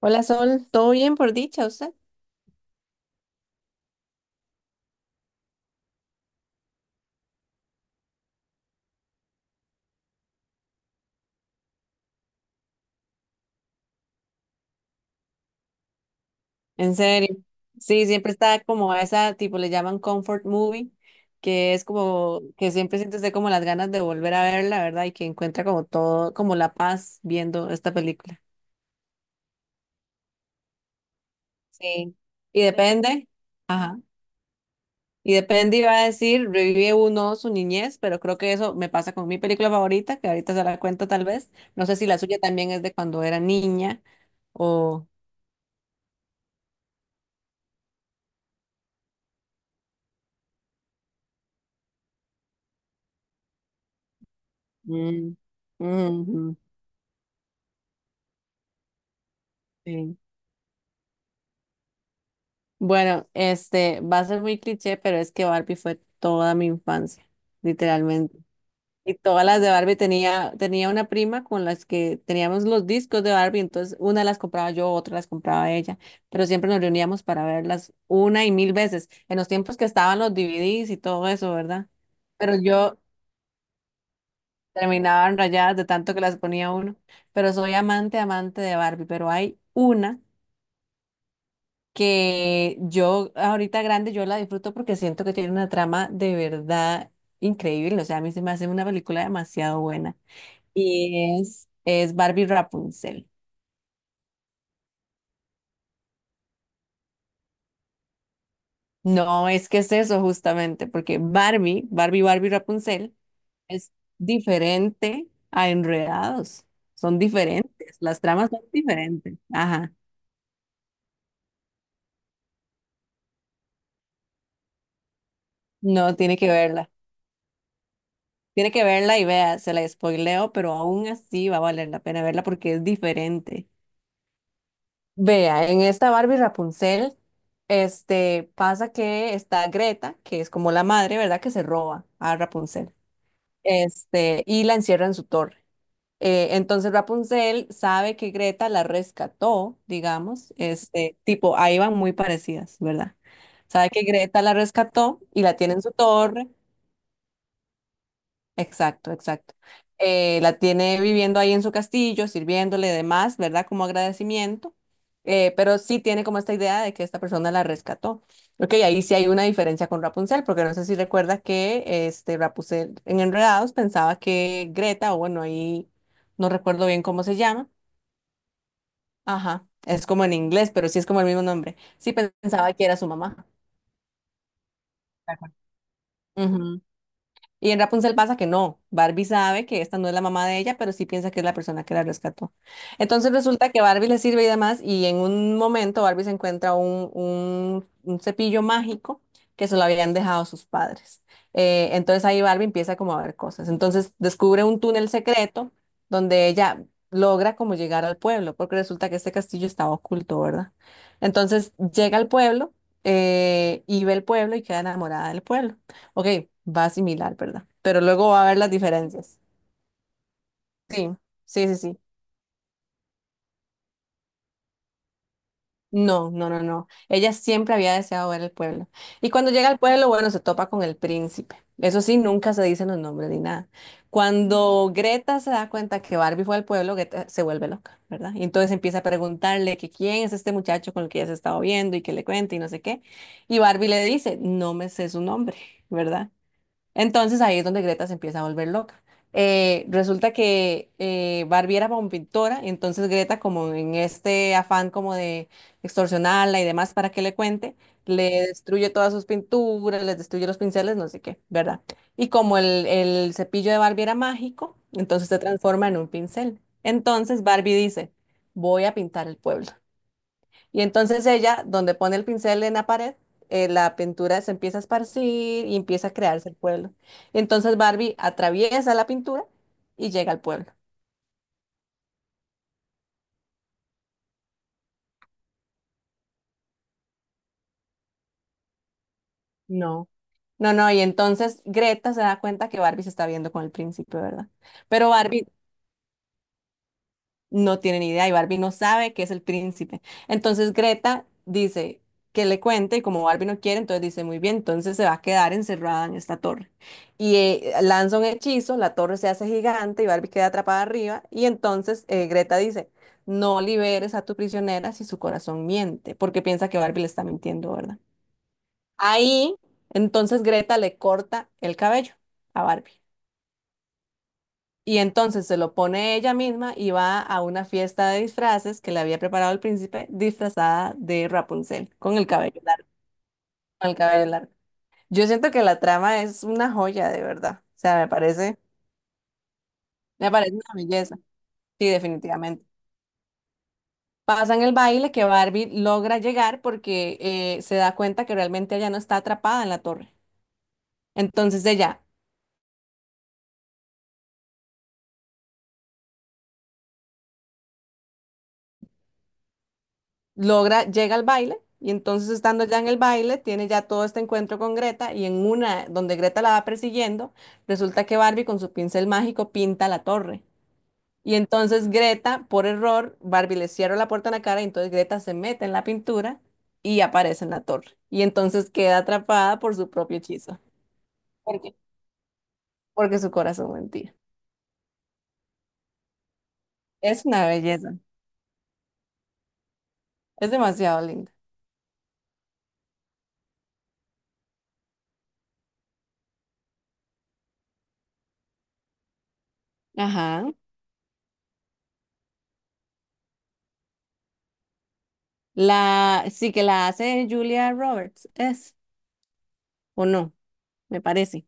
Hola Sol, ¿todo bien por dicha usted? En serio. Sí, siempre está como a esa, tipo le llaman comfort movie, que es como que siempre siente usted como las ganas de volver a verla, ¿verdad? Y que encuentra como todo, como la paz viendo esta película. Sí. Y depende. Ajá. Y depende, iba a decir, revive uno su niñez, pero creo que eso me pasa con mi película favorita, que ahorita se la cuento tal vez. No sé si la suya también es de cuando era niña o... Mm, ujú, sí. Bueno, este, va a ser muy cliché, pero es que Barbie fue toda mi infancia, literalmente. Y todas las de Barbie tenía una prima con las que teníamos los discos de Barbie, entonces una las compraba yo, otra las compraba ella, pero siempre nos reuníamos para verlas una y mil veces, en los tiempos que estaban los DVDs y todo eso, ¿verdad? Pero yo terminaba rayadas de tanto que las ponía uno, pero soy amante, amante de Barbie, pero hay una que yo ahorita grande, yo la disfruto porque siento que tiene una trama de verdad increíble, o sea, a mí se me hace una película demasiado buena. Y es Barbie Rapunzel. No, es que es eso justamente, porque Barbie Rapunzel es diferente a Enredados. Son diferentes, las tramas son diferentes. Ajá, no, tiene que verla. Tiene que verla y vea, se la spoileo, pero aún así va a valer la pena verla porque es diferente. Vea, en esta Barbie Rapunzel, este, pasa que está Greta, que es como la madre, ¿verdad? Que se roba a Rapunzel. Este, y la encierra en su torre. Entonces Rapunzel sabe que Greta la rescató, digamos, este, tipo, ahí van muy parecidas, ¿verdad? Sabe que Greta la rescató y la tiene en su torre. Exacto, exacto. La tiene viviendo ahí en su castillo, sirviéndole y demás, ¿verdad? Como agradecimiento, pero sí tiene como esta idea de que esta persona la rescató. Ok, ahí sí hay una diferencia con Rapunzel, porque no sé si recuerda que este Rapunzel en Enredados pensaba que Greta, o bueno, ahí no recuerdo bien cómo se llama, ajá, es como en inglés, pero sí es como el mismo nombre, sí pensaba que era su mamá. Y en Rapunzel pasa que no. Barbie sabe que esta no es la mamá de ella, pero sí piensa que es la persona que la rescató. Entonces resulta que Barbie le sirve y demás, y en un momento Barbie se encuentra un cepillo mágico que se lo habían dejado sus padres. Entonces ahí Barbie empieza como a ver cosas. Entonces descubre un túnel secreto donde ella logra como llegar al pueblo, porque resulta que este castillo estaba oculto, ¿verdad? Entonces llega al pueblo y ve el pueblo y queda enamorada del pueblo. Ok, va similar, ¿verdad? Pero luego va a haber las diferencias. Sí, sí, sí, sí. No, no, no, no. Ella siempre había deseado ver el pueblo. Y cuando llega al pueblo, bueno, se topa con el príncipe. Eso sí, nunca se dicen los nombres ni nada. Cuando Greta se da cuenta que Barbie fue al pueblo, Greta se vuelve loca, ¿verdad? Y entonces empieza a preguntarle que quién es este muchacho con el que ella se estaba viendo y que le cuente y no sé qué. Y Barbie le dice, no me sé su nombre, ¿verdad? Entonces ahí es donde Greta se empieza a volver loca. Resulta que Barbie era como pintora, y entonces Greta, como en este afán como de extorsionarla y demás para que le cuente, le destruye todas sus pinturas, les destruye los pinceles, no sé qué, ¿verdad? Y como el cepillo de Barbie era mágico, entonces se transforma en un pincel. Entonces Barbie dice, voy a pintar el pueblo. Y entonces ella, donde pone el pincel en la pared, la pintura se empieza a esparcir y empieza a crearse el pueblo. Entonces Barbie atraviesa la pintura y llega al pueblo. No. No, no, y entonces Greta se da cuenta que Barbie se está viendo con el príncipe, ¿verdad? Pero Barbie no tiene ni idea y Barbie no sabe que es el príncipe. Entonces Greta dice que le cuente y como Barbie no quiere, entonces dice, muy bien, entonces se va a quedar encerrada en esta torre. Y lanza un hechizo, la torre se hace gigante y Barbie queda atrapada arriba y entonces Greta dice, no liberes a tu prisionera si su corazón miente, porque piensa que Barbie le está mintiendo, ¿verdad? Ahí, entonces Greta le corta el cabello a Barbie. Y entonces se lo pone ella misma y va a una fiesta de disfraces que le había preparado el príncipe, disfrazada de Rapunzel, con el cabello largo, con el cabello largo. Yo siento que la trama es una joya, de verdad. O sea, me parece una belleza. Sí, definitivamente. Pasan el baile que Barbie logra llegar porque se da cuenta que realmente ella no está atrapada en la torre. Entonces ella logra, llega al baile y entonces estando ya en el baile, tiene ya todo este encuentro con Greta y en una donde Greta la va persiguiendo, resulta que Barbie con su pincel mágico pinta la torre. Y entonces Greta, por error, Barbie le cierra la puerta en la cara y entonces Greta se mete en la pintura y aparece en la torre. Y entonces queda atrapada por su propio hechizo. ¿Por qué? Porque su corazón mentía. Es una belleza. Es demasiado linda. Ajá. La, sí que la hace Julia Roberts, es, o no, me parece.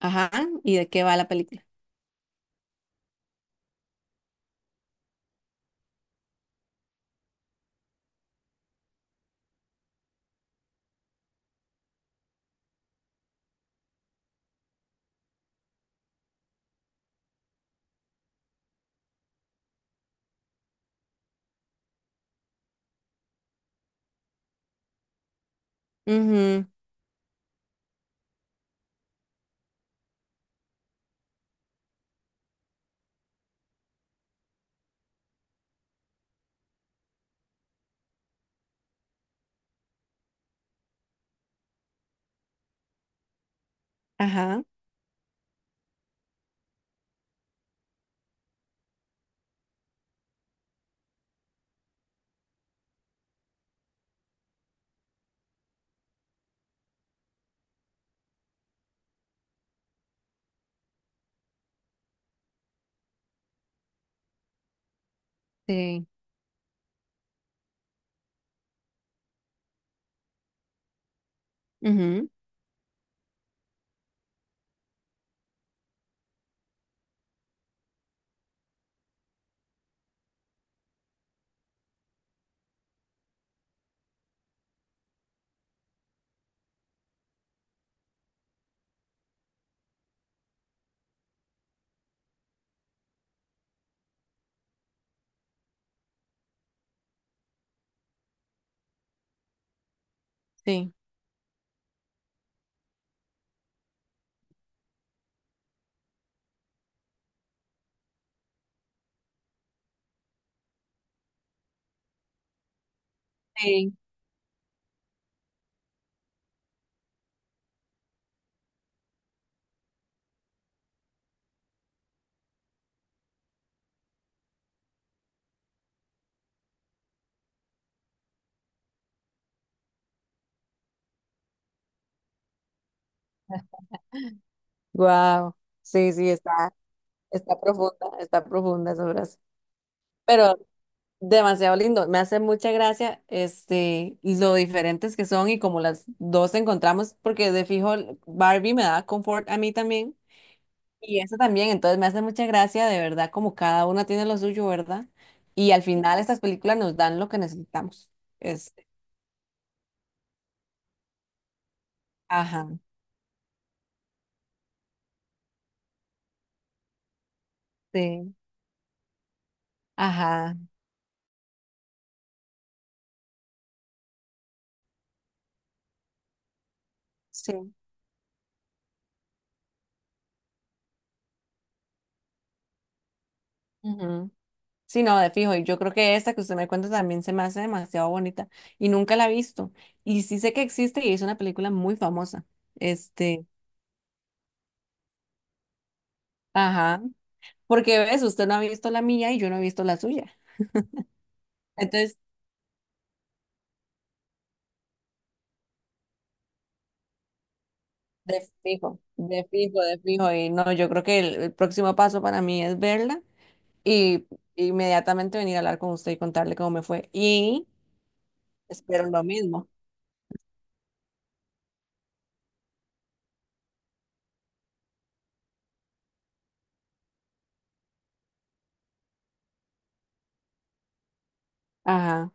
Ajá, ¿y de qué va la película? Ujú, ajá, sí, ujú, sí. Sí. Wow. Sí, sí, está, está profunda esa frase. Pero demasiado lindo. Me hace mucha gracia este, lo diferentes que son y como las dos encontramos, porque de fijo Barbie me da confort a mí también. Y esa también, entonces me hace mucha gracia, de verdad, como cada una tiene lo suyo, ¿verdad? Y al final estas películas nos dan lo que necesitamos. Este, ajá. Sí. Ajá, sí. Ujú. Sí, no, de fijo. Y yo creo que esta que usted me cuenta también se me hace demasiado bonita. Y nunca la he visto. Y sí sé que existe y es una película muy famosa. Este, ajá. Porque ves, usted no ha visto la mía y yo no he visto la suya. Entonces, de fijo, de fijo, de fijo. Y no, yo creo que el próximo paso para mí es verla y inmediatamente venir a hablar con usted y contarle cómo me fue. Y espero lo mismo. Ajá.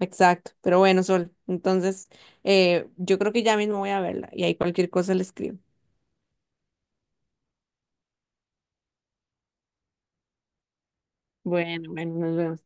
Exacto, pero bueno, Sol, entonces yo creo que ya mismo voy a verla y ahí cualquier cosa le escribo. Bueno, bueno, nos vemos.